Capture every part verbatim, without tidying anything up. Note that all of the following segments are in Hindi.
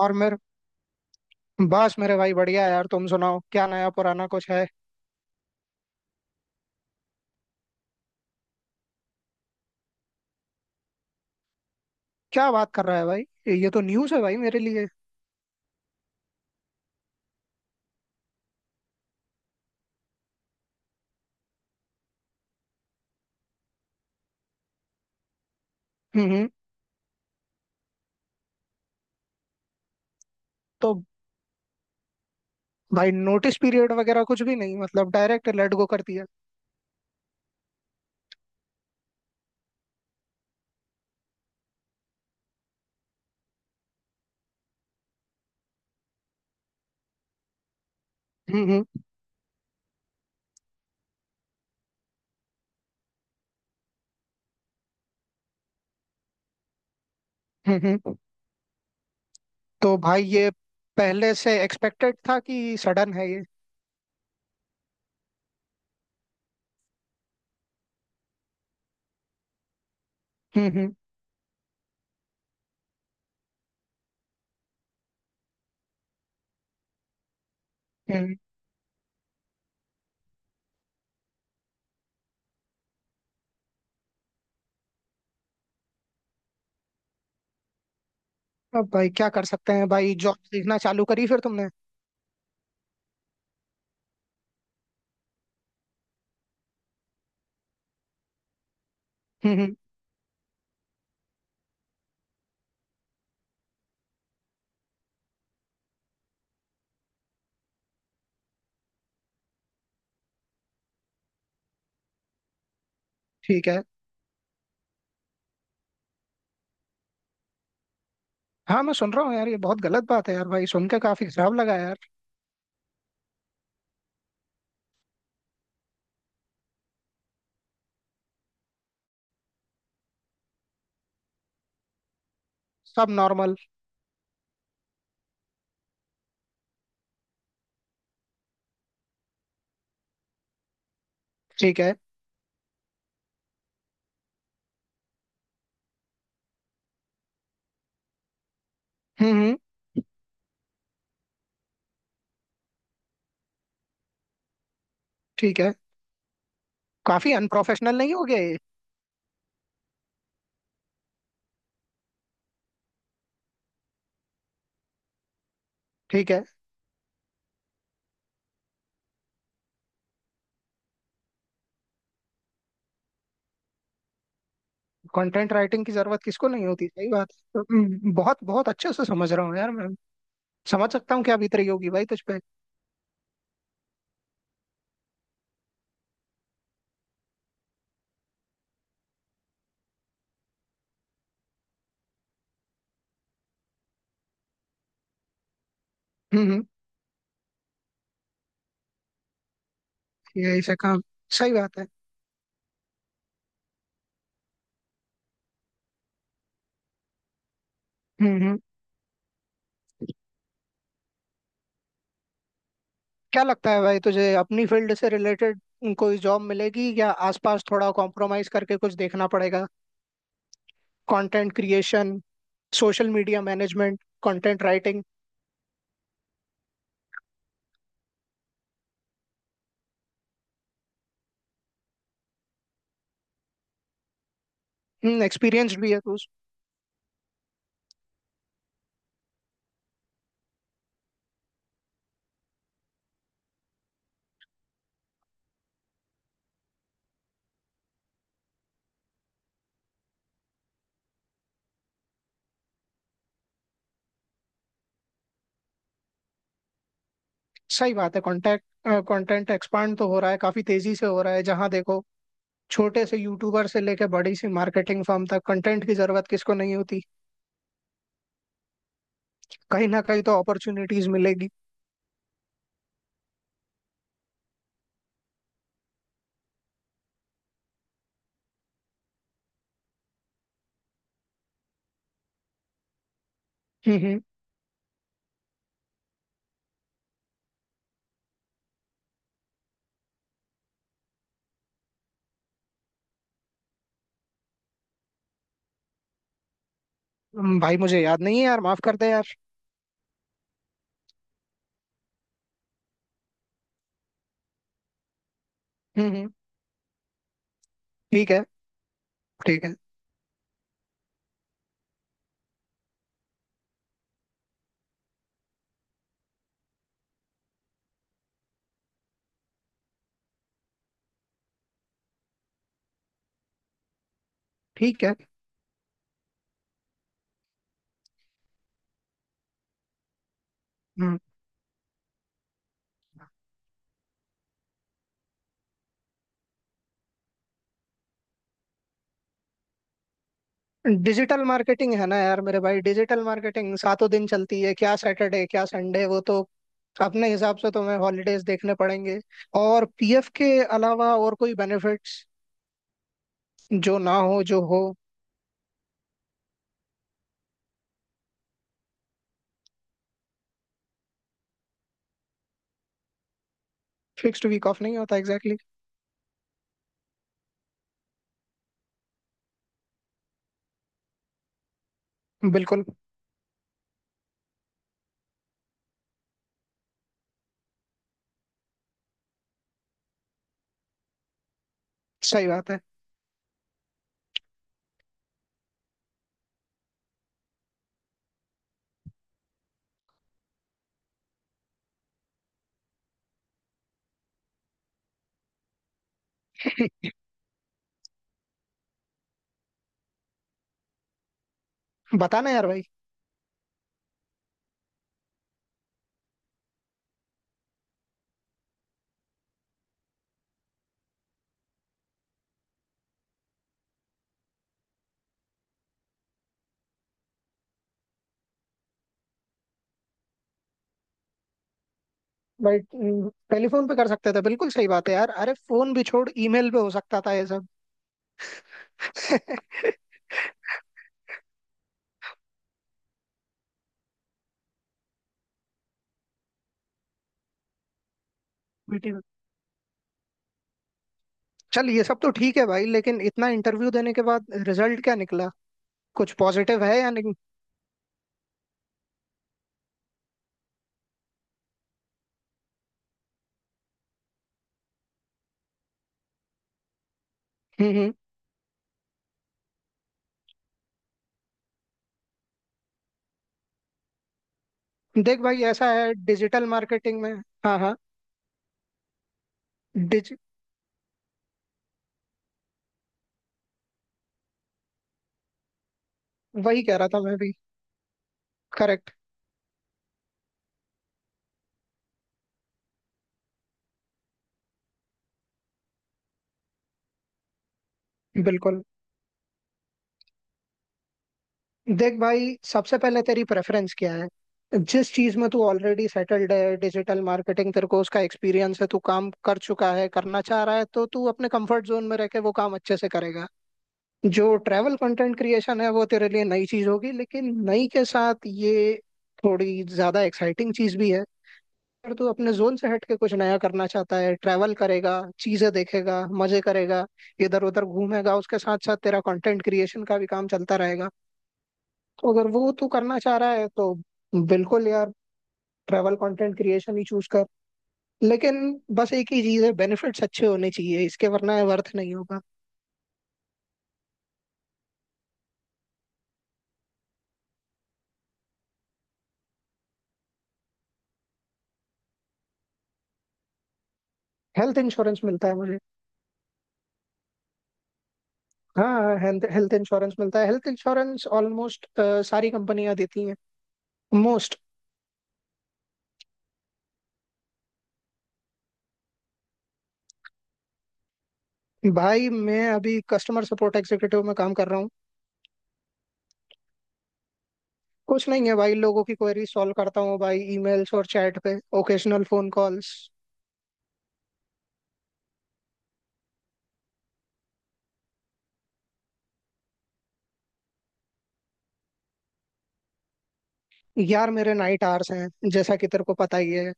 और मेरे बस मेरे भाई बढ़िया है यार। तुम सुनाओ, क्या नया पुराना कुछ है? क्या बात कर रहा है भाई, ये तो न्यूज़ है भाई मेरे लिए। हम्म हम्म। तो भाई नोटिस पीरियड वगैरह कुछ भी नहीं, मतलब डायरेक्ट लेट गो कर दिया? हम्म हम्म हम्म हम्म। तो भाई ये पहले से एक्सपेक्टेड था कि सडन है ये? हम्म हम्म हम्म। अब भाई क्या कर सकते हैं भाई, जॉब देखना चालू करी फिर तुमने? हम्म हम्म। ठीक है। हाँ मैं सुन रहा हूँ यार, ये बहुत गलत बात है यार भाई, सुन के काफी खराब लगा यार। सब नॉर्मल? ठीक है। हम्म हम्म। ठीक है। काफी अनप्रोफेशनल नहीं हो गया ये? ठीक है। कंटेंट राइटिंग की जरूरत किसको नहीं होती, सही बात है। हम्म, बहुत बहुत अच्छे से समझ रहा हूँ यार मैं, समझ सकता हूँ क्या बीत रही होगी भाई तुझ पे। हम्म हम्म, यही से काम। सही बात है। हम्म हम्म। क्या लगता है भाई तुझे अपनी फील्ड से रिलेटेड कोई जॉब मिलेगी, या आसपास थोड़ा कॉम्प्रोमाइज करके कुछ देखना पड़ेगा? Content creation, social media management, content writing. Experience भी है तू। सही बात है। कॉन्टेक्ट कंटेंट एक्सपांड तो हो रहा है, काफी तेजी से हो रहा है, जहां देखो छोटे से यूट्यूबर से लेके बड़ी सी मार्केटिंग फर्म तक कंटेंट की जरूरत किसको नहीं होती। कहीं ना कहीं तो अपॉर्चुनिटीज मिलेगी। हम्म हम्म, भाई मुझे याद नहीं है यार, माफ कर दे यार। हम्म हम्म। ठीक है। ठीक है। ठीक है। हम्म। डिजिटल मार्केटिंग है ना यार मेरे भाई, डिजिटल मार्केटिंग सातों दिन चलती है, क्या सैटरडे क्या संडे। वो तो अपने हिसाब से तुम्हें हॉलीडेज देखने पड़ेंगे। और पीएफ के अलावा और कोई बेनिफिट्स जो ना हो, जो हो? फिक्स्ड वीक ऑफ नहीं होता, एग्जैक्टली। Exactly. बिल्कुल सही बात है। बताना यार भाई। बट टेलीफोन पे कर सकते थे, बिल्कुल सही बात है यार, अरे फोन भी छोड़, ईमेल पे हो सकता था ये सब। मीटिंग। चल ये सब तो ठीक है भाई, लेकिन इतना इंटरव्यू देने के बाद रिजल्ट क्या निकला, कुछ पॉजिटिव है या नहीं? हम्म हम्म। देख भाई ऐसा है डिजिटल मार्केटिंग में। हाँ हाँ। डिज वही कह रहा था मैं भी। करेक्ट। बिल्कुल। देख भाई, सबसे पहले तेरी प्रेफरेंस क्या है। जिस चीज में तू ऑलरेडी सेटल्ड है, डिजिटल मार्केटिंग, तेरे को उसका एक्सपीरियंस है, तू काम कर चुका है, करना चाह रहा है, तो तू अपने कंफर्ट जोन में रह के वो काम अच्छे से करेगा। जो ट्रैवल कंटेंट क्रिएशन है वो तेरे लिए नई चीज होगी, लेकिन नई के साथ ये थोड़ी ज्यादा एक्साइटिंग चीज भी है। अगर तू अपने जोन से हट के कुछ नया करना चाहता है, ट्रैवल करेगा, चीजें देखेगा, मजे करेगा, इधर उधर घूमेगा, उसके साथ साथ तेरा कंटेंट क्रिएशन का भी काम चलता रहेगा। तो अगर वो तू करना चाह रहा है तो बिल्कुल यार, ट्रैवल कंटेंट क्रिएशन ही चूज कर। लेकिन बस एक ही चीज है, बेनिफिट्स अच्छे होने चाहिए इसके, वरना वर्थ नहीं होगा। हेल्थ इंश्योरेंस मिलता है मुझे। हाँ, हेल्थ इंश्योरेंस मिलता है, हेल्थ इंश्योरेंस ऑलमोस्ट सारी कंपनियां देती हैं, मोस्ट। भाई मैं अभी कस्टमर सपोर्ट एग्जीक्यूटिव में काम कर रहा हूँ। कुछ नहीं है भाई, लोगों की क्वेरी सॉल्व करता हूँ भाई, ईमेल्स और चैट पे, ओकेशनल फोन कॉल्स। यार मेरे नाइट आवर्स हैं, जैसा कि तेरे को पता ही है।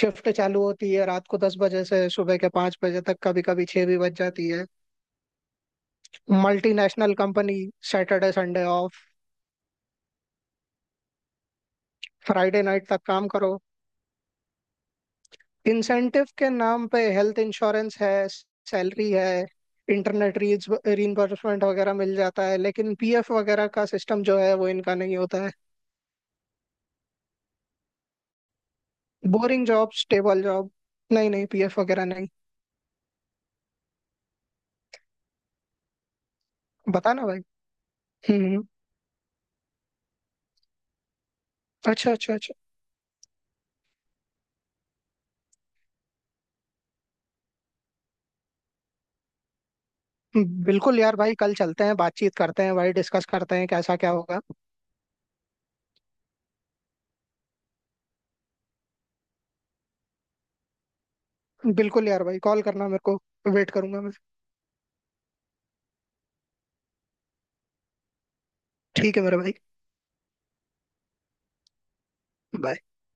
शिफ्ट चालू होती है रात को दस बजे से सुबह के पाँच बजे तक, कभी कभी छह भी बज जाती है। Multinational company. Saturday Sunday off. Friday night तक काम करो। इंसेंटिव के नाम पे हेल्थ इंश्योरेंस है, सैलरी है, इंटरनेट रीज रीइंबर्समेंट वगैरह मिल जाता है, लेकिन पीएफ वगैरह का सिस्टम जो है वो इनका नहीं होता है। Boring job, stable job. नहीं नहीं, पीएफ वगैरह नहीं। बताना भाई। हम्म। अच्छा अच्छा। बिल्कुल यार भाई, कल चलते हैं, बातचीत करते हैं भाई, डिस्कस करते हैं कैसा क्या होगा। बिल्कुल यार भाई, कॉल करना मेरे को, वेट करूंगा मैं। ठीक है मेरे भाई। Bye.